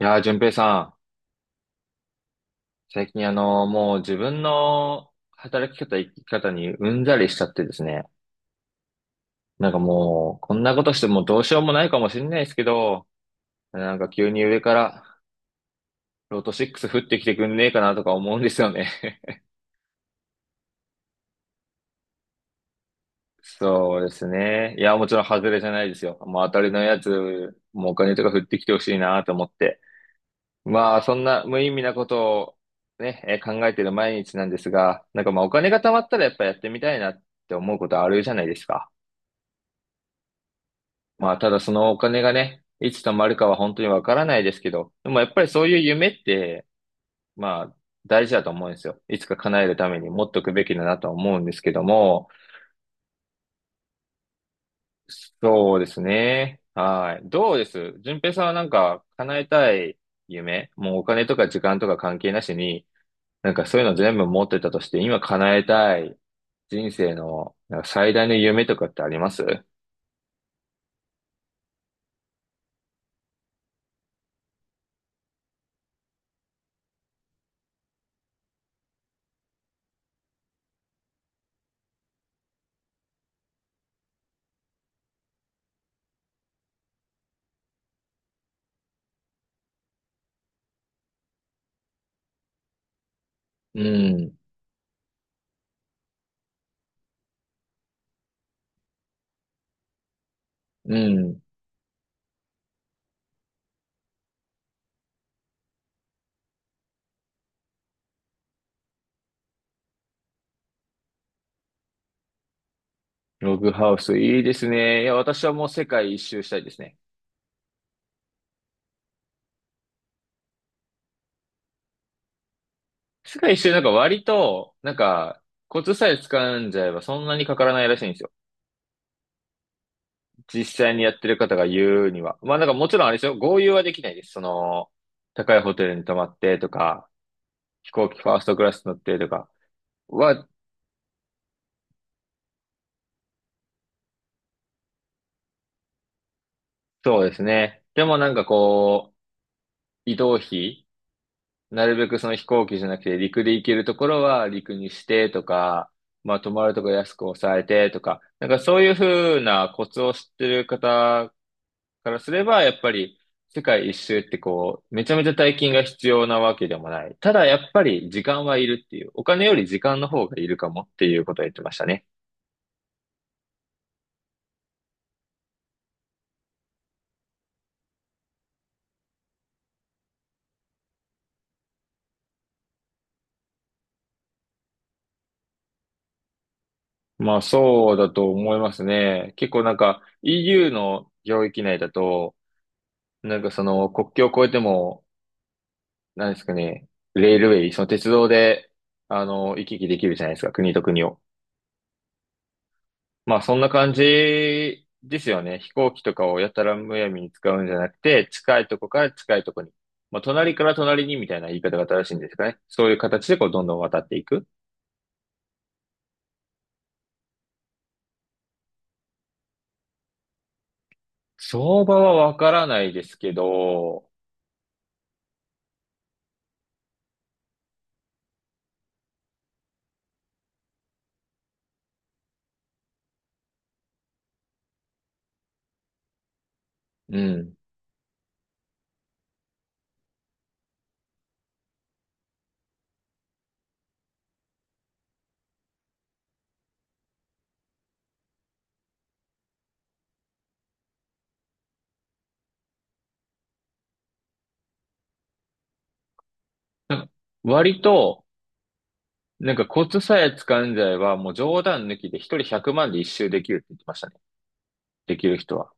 いやー、淳平さん、最近もう自分の働き方、生き方にうんざりしちゃってですね。なんかもう、こんなことしてもうどうしようもないかもしれないですけど、なんか急に上から、ロト6降ってきてくんねえかなとか思うんですよね。そうですね。いや、もちろん外れじゃないですよ。もう当たりのやつ、もうお金とか降ってきてほしいなと思って。まあ、そんな無意味なことをね、考えてる毎日なんですが、なんかまあお金が貯まったらやっぱやってみたいなって思うことあるじゃないですか。まあ、ただそのお金がね、いつ貯まるかは本当にわからないですけど、でもやっぱりそういう夢って、まあ、大事だと思うんですよ。いつか叶えるために持っとくべきだなとは思うんですけども、そうですね。はい。どうです順平さんはなんか叶えたい夢、もうお金とか時間とか関係なしに、なんかそういうの全部持ってたとして、今叶えたい人生のなんか最大の夢とかってあります？うん。うん。ログハウス、いいですね。いや、私はもう世界一周したいですね。世界一周なんか割と、なんか、コツさえ掴んじゃえばそんなにかからないらしいんですよ。実際にやってる方が言うには。まあなんかもちろんあれですよ。豪遊はできないです。高いホテルに泊まってとか、飛行機ファーストクラス乗ってとかは、そうですね。でもなんかこう、移動費なるべく飛行機じゃなくて陸で行けるところは陸にしてとか、まあ泊まるとこ安く抑えてとか、なんかそういうふうなコツを知ってる方からすれば、やっぱり世界一周ってこう、めちゃめちゃ大金が必要なわけでもない。ただやっぱり時間はいるっていう、お金より時間の方がいるかもっていうことを言ってましたね。まあそうだと思いますね。結構なんか EU の領域内だと、なんかその国境を越えてもなんですかね、レールウェイ、その鉄道で、行き来できるじゃないですか、国と国を。まあ、そんな感じですよね。飛行機とかをやたらむやみに使うんじゃなくて、近いとこから近いとこに。まあ、隣から隣にみたいな言い方が正しいんですかね。そういう形でこう、どんどん渡っていく。相場はわからないですけど、うん。割と、なんかコツさえ掴んじゃえば、もう冗談抜きで一人100万で一周できるって言ってましたね。できる人は。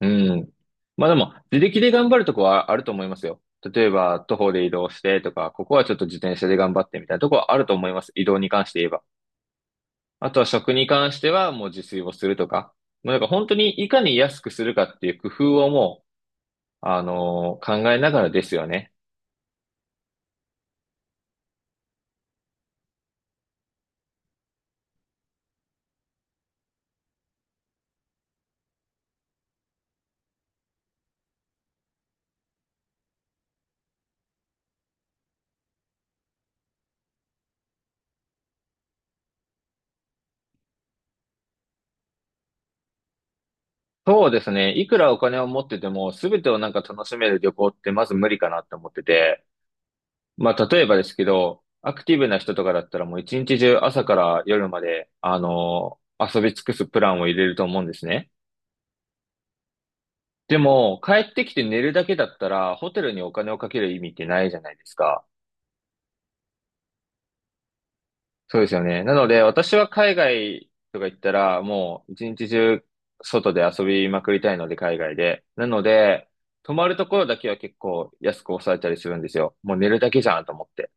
うん。まあでも、自力で頑張るとこはあると思いますよ。例えば、徒歩で移動してとか、ここはちょっと自転車で頑張ってみたいなとこはあると思います。移動に関して言えば。あとは食に関してはもう自炊をするとか。もうなんか本当にいかに安くするかっていう工夫をもう、考えながらですよね。そうですね。いくらお金を持ってても、すべてをなんか楽しめる旅行ってまず無理かなって思ってて。まあ、例えばですけど、アクティブな人とかだったらもう一日中朝から夜まで、遊び尽くすプランを入れると思うんですね。でも、帰ってきて寝るだけだったら、ホテルにお金をかける意味ってないじゃないですか。そうですよね。なので、私は海外とか行ったら、もう一日中外で遊びまくりたいので、海外で。なので、泊まるところだけは結構安く抑えたりするんですよ。もう寝るだけじゃんと思って。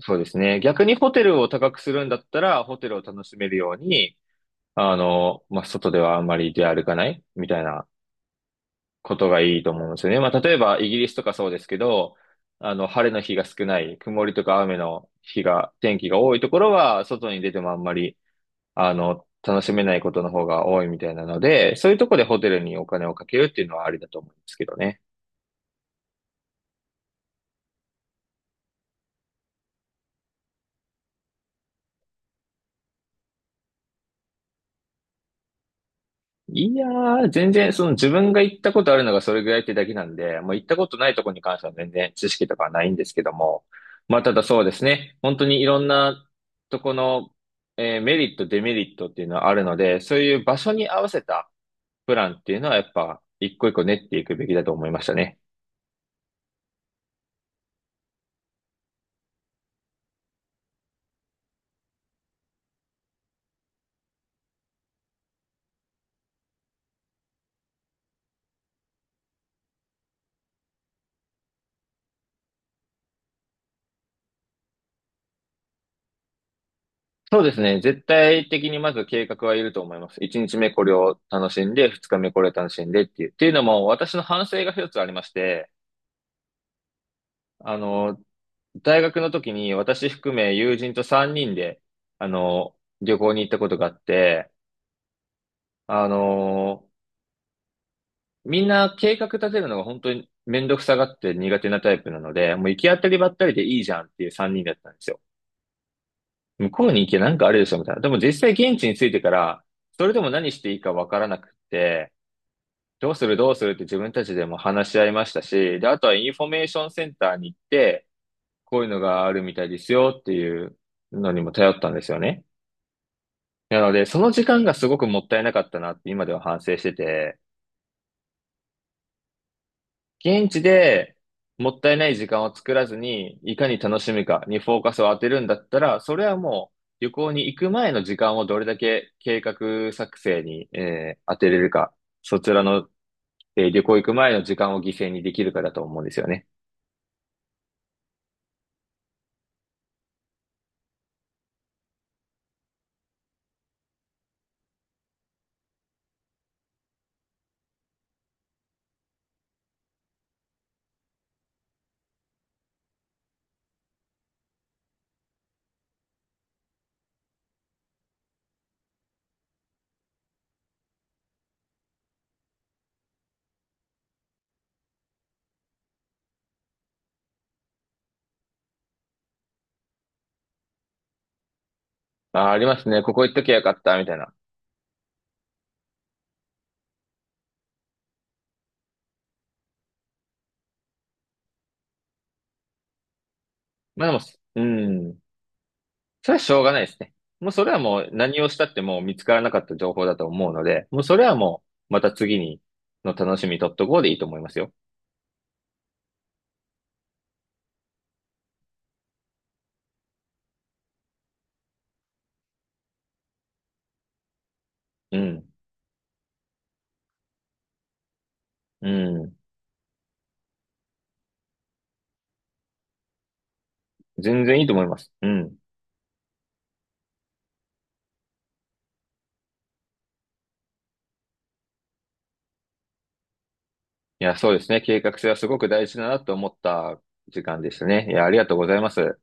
そうですね。逆にホテルを高くするんだったら、ホテルを楽しめるように、まあ、外ではあんまり出歩かないみたいなことがいいと思うんですよね。まあ、例えばイギリスとかそうですけど、晴れの日が少ない、曇りとか雨の日が、天気が多いところは、外に出てもあんまり、楽しめないことの方が多いみたいなので、そういうところでホテルにお金をかけるっていうのはありだと思うんですけどね。いやー、全然、自分が行ったことあるのがそれぐらいってだけなんで、もう行ったことないとこに関しては全然知識とかはないんですけども、まあただそうですね、本当にいろんなとこの、メリット、デメリットっていうのはあるので、そういう場所に合わせたプランっていうのはやっぱ一個一個練っていくべきだと思いましたね。そうですね。絶対的にまず計画はいると思います。1日目これを楽しんで、2日目これを楽しんでっていう。っていうのも私の反省が一つありまして、あの、大学の時に私含め友人と3人で、あの、旅行に行ったことがあって、あの、みんな計画立てるのが本当にめんどくさがって苦手なタイプなので、もう行き当たりばったりでいいじゃんっていう3人だったんですよ。向こうに行けなんかあるでしょみたいな。でも実際現地に着いてから、それでも何していいかわからなくって、どうするどうするって自分たちでも話し合いましたし、で、あとはインフォメーションセンターに行って、こういうのがあるみたいですよっていうのにも頼ったんですよね。なので、その時間がすごくもったいなかったなって今では反省してて、現地でもったいない時間を作らずに、いかに楽しむかにフォーカスを当てるんだったら、それはもう旅行に行く前の時間をどれだけ計画作成に、当てれるか、そちらの、旅行行く前の時間を犠牲にできるかだと思うんですよね。あー、ありますね。ここ行っときゃよかった、みたいな。まあでも、うん。それはしょうがないですね。もうそれはもう何をしたってもう見つからなかった情報だと思うので、もうそれはもうまた次にの楽しみ取っとこうでいいと思いますよ。うん。うん。全然いいと思います。うん。いや、そうですね。計画性はすごく大事だなと思った時間でしたね。いや、ありがとうございます。